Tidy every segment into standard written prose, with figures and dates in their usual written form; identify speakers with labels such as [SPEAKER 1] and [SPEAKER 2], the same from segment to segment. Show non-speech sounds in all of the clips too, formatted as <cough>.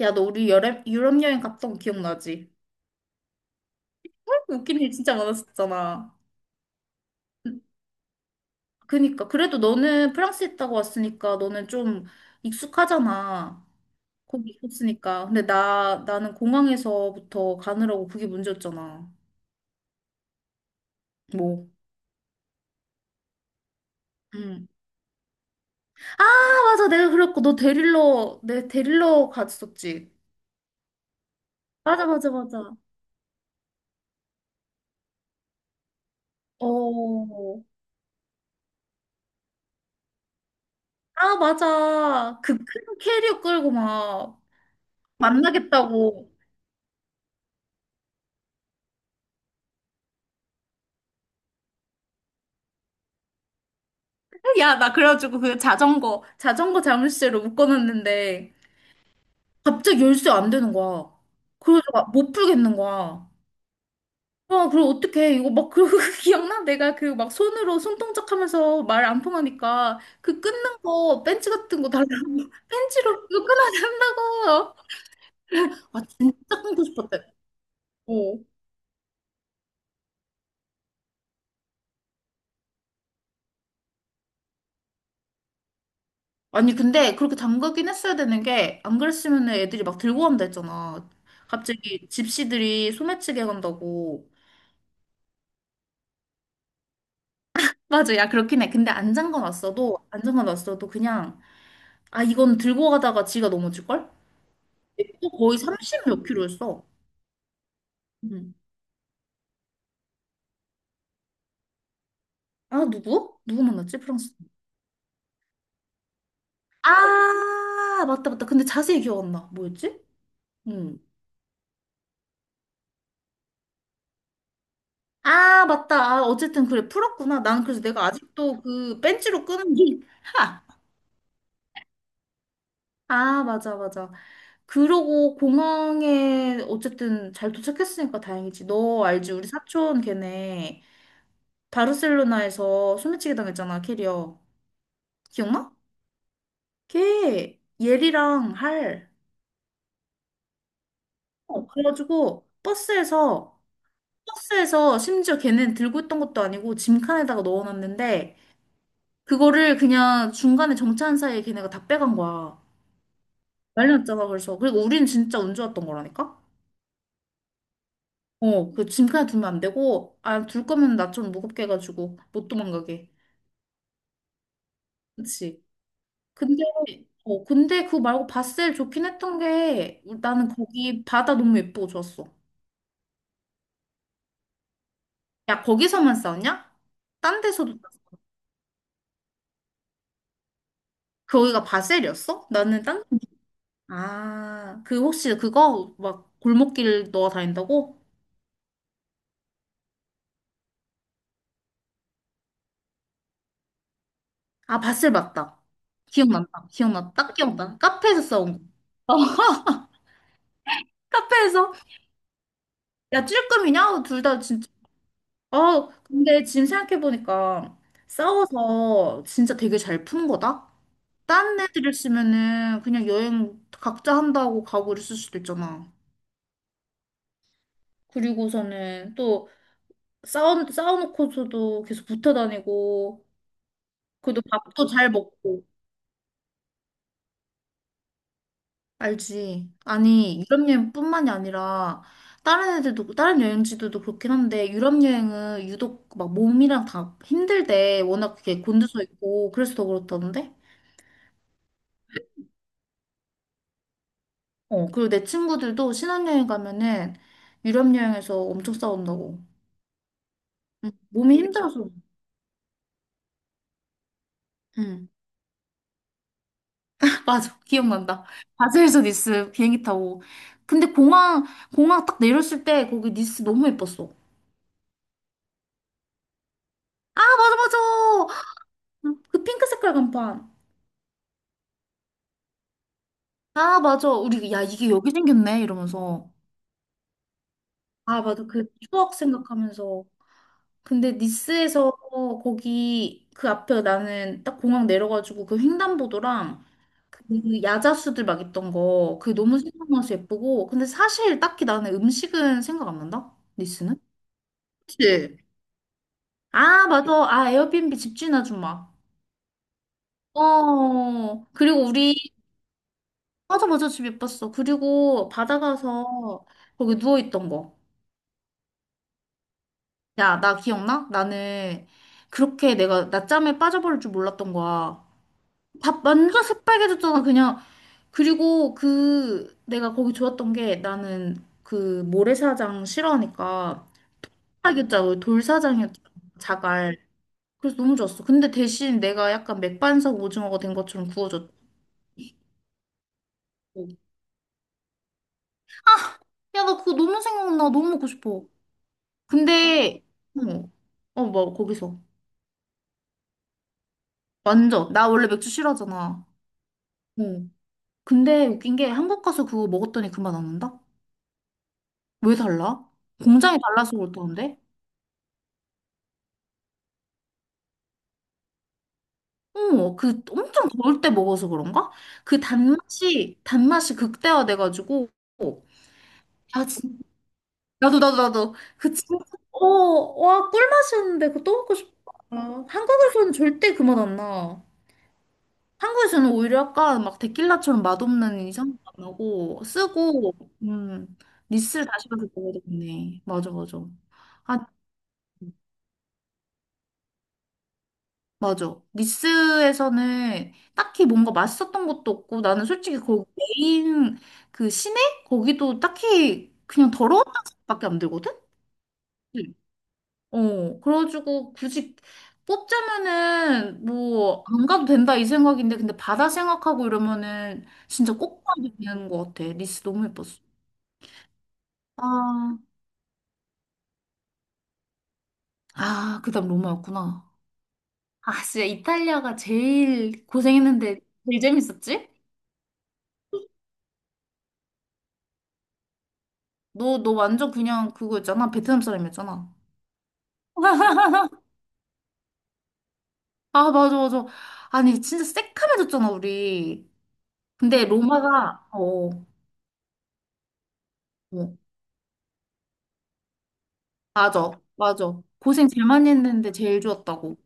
[SPEAKER 1] 야, 너 우리 여름, 유럽 여행 갔던 거 기억나지? <laughs> 웃긴 일 진짜 많았었잖아. 그니까. 그래도 너는 프랑스 있다고 왔으니까 너는 좀 익숙하잖아. 거기 있었으니까. 근데 나는 공항에서부터 가느라고 그게 문제였잖아. 뭐, 응. 아, 맞아. 내가 그랬고. 너 데릴러, 내 데릴러 갔었지. 맞아, 맞아, 맞아. 어. 아, 맞아. 그 큰 캐리어 끌고 막 만나겠다고. 야, 나 그래가지고 그 자전거 자물쇠로 묶어놨는데 갑자기 열쇠 안 되는 거야. 그래서 막 못 풀겠는 거야. 아, 그럼 어떡해. 이거 막, 그러고 <laughs> 기억나? 내가 그 막 손으로 손동작 하면서 말 안 통하니까 그 끊는 거, 벤치 같은 거 달라고, <laughs> 벤치로 이거 끊어야 된다고. 아, 진짜 끊고 싶었대. 어. 아니, 근데 그렇게 담그긴 했어야 되는 게 안 그랬으면 애들이 막 들고 간다 했잖아. 갑자기 집시들이 소매치기 간다고. 맞아. 야, 그렇긴 해. 근데 안 잠궈놨어도, 안 잠궈놨어도 그냥, 아, 이건 들고 가다가 지가 넘어질걸? 또 거의 3십몇 킬로였어. 응. 아, 누구? 누구 만났지? 프랑스. 아, 맞다, 맞다. 근데 자세히 기억 안 나. 뭐였지? 응. 아, 맞다. 아, 어쨌든 그래. 풀었구나. 난 그래서 내가 아직도 그 벤치로 끄는 게. <laughs> 아, 맞아, 맞아. 그러고 공항에 어쨌든 잘 도착했으니까 다행이지. 너 알지? 우리 사촌 걔네. 바르셀로나에서 소매치기 당했잖아, 캐리어. 기억나? 걔 예리랑 할. 어, 그래가지고 버스에서 심지어 걔는 들고 있던 것도 아니고 짐칸에다가 넣어놨는데 그거를 그냥 중간에 정차한 사이에 걔네가 다 빼간 거야. 난리 났잖아, 그래서. 그리고 우린 진짜 운 좋았던 거라니까? 어, 그 짐칸에 두면 안 되고, 아, 둘 거면 나 좀 무겁게 해가지고 못 도망가게. 그치? 근데, 어, 근데 그거 말고 바셀 좋긴 했던 게 나는 거기 바다 너무 예쁘고 좋았어. 야, 거기서만 싸웠냐? 딴 데서도 싸웠어? 거기가 바셀이었어? 나는 딴 데. 아, 그 혹시 그거 막 골목길 넣어 다닌다고? 아, 바셀 맞다. 기억난다. 기억나. 딱 기억나. 카페에서 싸운 거. 어, <laughs> 카페에서 야 찔끔이냐? 둘 다 진짜 어 근데 지금 생각해보니까 싸워서 진짜 되게 잘 푸는 거다. 딴 애들을 쓰면은 그냥 여행 각자 한다고 가오를 쓸 수도 있잖아. 그리고서는 또 싸워놓고서도 계속 붙어 다니고, 그래도 밥도 잘 먹고, 알지? 아니, 유럽 여행뿐만이 아니라 다른 애들도, 다른 여행지들도 그렇긴 한데, 유럽 여행은 유독 막 몸이랑 다 힘들대. 워낙 그게 곤두서 있고, 그래서 더 그렇다던데? 어, 그리고 내 친구들도 신혼여행 가면은 유럽 여행에서 엄청 싸운다고. 응, 몸이 힘들어서. 응. 맞아. 기억난다. 바젤에서 니스 비행기 타고. 근데 공항 딱 내렸을 때 거기 니스 너무 예뻤어. 아, 맞아, 맞아. 그 핑크 색깔 간판. 아, 맞아. 우리, 야, 이게 여기 생겼네. 이러면서. 아, 맞아. 그 추억 생각하면서. 근데 니스에서 거기 그 앞에 나는 딱 공항 내려가지고 그 횡단보도랑 그 야자수들 막 있던 거. 그게 너무 생각나서 예쁘고. 근데 사실 딱히 나는 음식은 생각 안 난다. 니스는? 그치? 아, 맞아. 아, 에어비앤비 집주인 아줌마. 어, 그리고 우리, 맞아, 맞아, 집 예뻤어. 그리고 바다 가서 거기 누워있던 거. 야, 나 기억나? 나는 그렇게 내가 낮잠에 빠져버릴 줄 몰랐던 거야. 밥 완전 새빨개졌잖아, 그냥. 그리고 그, 내가 거기 좋았던 게 나는 그 모래사장 싫어하니까 사자고 돌사장이었잖아, 자갈. 그래서 너무 좋았어. 근데 대신 내가 약간 맥반석 오징어가 된 것처럼 구워졌고. 야, 나 그거 너무 생각나. 너무 먹고 싶어. 근데, 어, 어, 뭐, 거기서. 완전. 나 원래 맥주 싫어하잖아. 어. 근데 웃긴 게 한국 가서 그거 먹었더니 그 맛 안 난다? 왜 달라? 공장이 달라서 그렇다는데? 어, 그 엄청 더울 때 먹어서 그런가? 그 단맛이 극대화돼가지고. 야, 진 나도, 나도, 나도. 그 진짜, 어, 와, 꿀맛이었는데 그거 또 먹고 싶다. 한국에서는 절대 그 맛 안 나. 한국에서는 오히려 약간 막 데킬라처럼 맛없는 이상도 안 나고 쓰고 음 니스를 다시 가서 먹어야 되겠네. 맞아, 맞아. 아, 맞아. 니스에서는 딱히 뭔가 맛있었던 것도 없고 나는 솔직히 거기 메인 그 시내 거기도 딱히 그냥 더러운 맛밖에 안 들거든. 응. 어 그래가지고 굳이 뽑자면은 뭐 안 가도 된다 이 생각인데 근데 바다 생각하고 이러면은 진짜 꼭 가야 되는 것 같아. 니스 너무 예뻤어. 아, 아, 그다음 로마였구나. 아, 진짜 이탈리아가 제일 고생했는데 제일 재밌었지? 너, 너 완전 그냥 그거였잖아. 베트남 사람이었잖아. <laughs> 아, 맞아, 맞아. 아니, 진짜 새카매졌잖아, 우리. 근데 로마가, 어, 어, 맞아, 맞아. 고생 제일 많이 했는데 제일 좋았다고.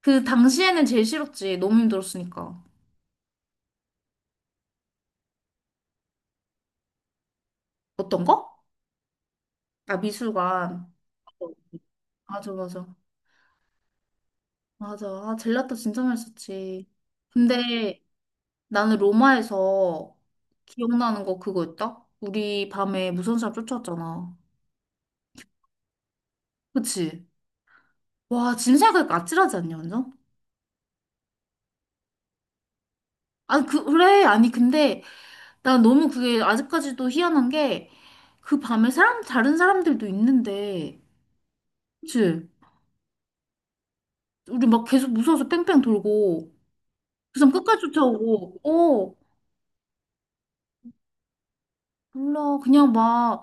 [SPEAKER 1] 그 당시에는 제일 싫었지. 너무 힘들었으니까. 어떤 거? 아, 미술관. 맞아, 맞아. 맞아. 아, 젤라또 진짜 맛있었지. 근데 나는 로마에서 기억나는 거 그거 있다? 우리 밤에 무서운 사람 쫓아왔잖아. 그치? 와, 지금 생각하니까 아찔하지 않냐, 완전? 아니, 그, 그래. 아니, 근데 난 너무 그게 아직까지도 희한한 게 그 밤에 사람, 다른 사람들도 있는데, 그치? 우리 막 계속 무서워서 뺑뺑 돌고, 그 사람 끝까지 쫓아오고, 어, 몰라. 그냥 막,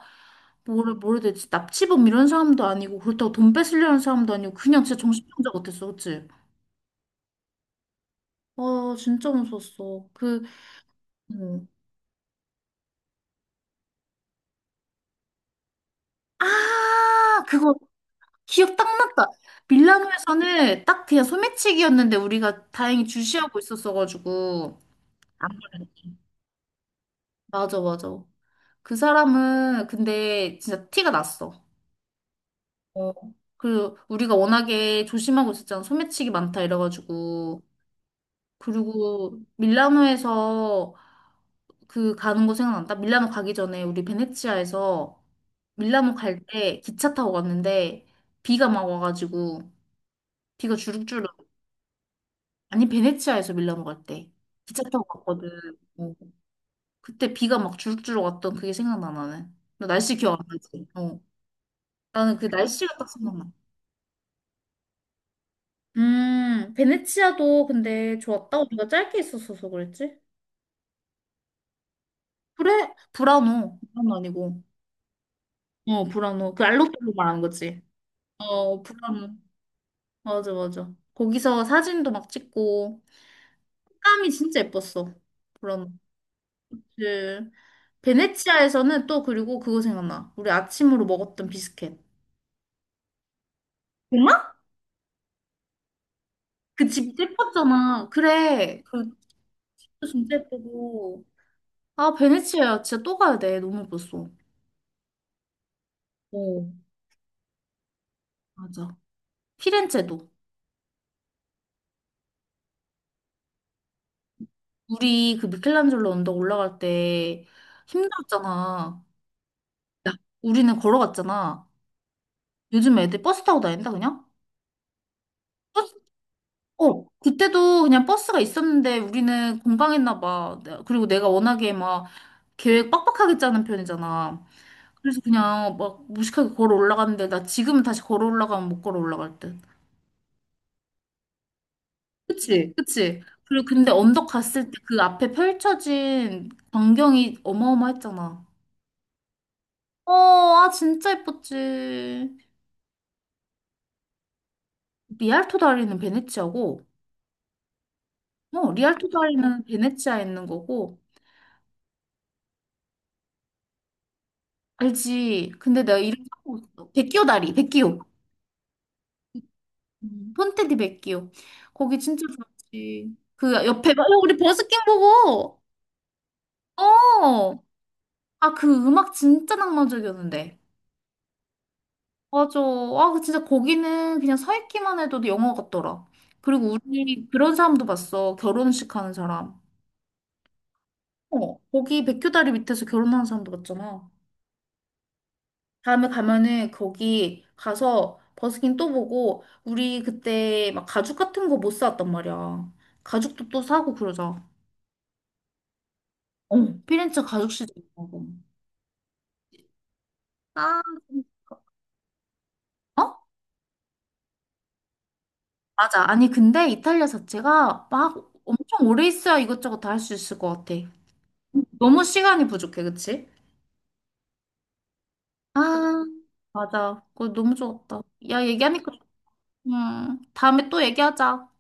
[SPEAKER 1] 뭐래, 뭐래 되지? 납치범 이런 사람도 아니고, 그렇다고 돈 뺏으려는 사람도 아니고, 그냥 진짜 정신병자 같았어, 그치? 와, 진짜 무서웠어. 그, 음. 아, 그거 기억 딱 났다. 밀라노에서는 딱 그냥 소매치기였는데 우리가 다행히 주시하고 있었어가지고. 안 걸렸지. 맞아, 맞아. 그 사람은 근데 진짜 티가 났어. 어. 그리고 우리가 워낙에 조심하고 있었잖아. 소매치기 많다 이래가지고. 그리고 밀라노에서 그 가는 거 생각난다. 밀라노 가기 전에 우리 베네치아에서 밀라노 갈 때 기차 타고 갔는데 비가 막 와가지고 비가 주룩주룩. 아니 베네치아에서 밀라노 갈 때 기차 타고 갔거든. 어. 그때 비가 막 주룩주룩 왔던 그게 생각나 나는. 너 날씨 기억 안 나지? 어. 나는 그 날씨가 딱 생각나. 베네치아도 근데 좋았다. 우리가 짧게 있었어서 그랬지? 그래, 브라노. 브라노 아니고. 어, 브라노. 그 알로토로 말하는 거지. 어, 브라노. 맞아, 맞아. 거기서 사진도 막 찍고. 색감이 진짜 예뻤어. 그런 그 베네치아에서는 또 그리고 그거 생각나. 우리 아침으로 먹었던 비스켓. 정말? 그 집 예뻤잖아. 그래. 그 진짜 예쁘고. 아, 베네치아 야 진짜 또 가야 돼. 너무 예뻤어. 어, 맞아. 피렌체도. 우리 그 미켈란젤로 언덕 올라갈 때 힘들었잖아. 야, 우리는 걸어갔잖아. 요즘 애들 버스 타고 다닌다, 그냥? 어, 그때도 그냥 버스가 있었는데 우리는 공방했나 봐. 내- 그리고 내가 워낙에 막 계획 빡빡하게 짜는 편이잖아. 그래서 그냥 막 무식하게 걸어 올라갔는데 나 지금은 다시 걸어 올라가면 못 걸어 올라갈 듯. 그치? 그치? 그리고 근데 언덕 갔을 때 그 앞에 펼쳐진 광경이 어마어마했잖아. 어, 아 진짜 예뻤지. 리알토 다리는 베네치아고, 어, 리알토 다리는 베네치아에 있는 거고, 알지? 근데 내가 이름 까먹었어. 백기오 다리, 백기오. 폰테디 베키오. 거기 진짜 좋지. 그 옆에 봐. 야, 우리 버스킹 보고. 어. 아, 그 음악 진짜 낭만적이었는데. 맞아. 아, 그 진짜 거기는 그냥 서 있기만 해도 영화 같더라. 그리고 우리 그런 사람도 봤어. 결혼식 하는 사람. 어. 거기 백교다리 밑에서 결혼하는 사람도 봤잖아. 다음에 가면은 거기 가서 버스킹 또 보고 우리 그때 막 가죽 같은 거 못 사왔단 말이야. 가죽도 또 사고 그러자. 어, 피렌체 가족 시장 가고. 아, 어? 맞아. 아니, 근데 이탈리아 자체가 막 엄청 오래 있어야 이것저것 다 할 수 있을 것 같아. 너무 시간이 부족해, 그치? 아, 맞아. 그거 너무 좋았다. 야, 얘기하니까, 좋- 다음에 또 얘기하자.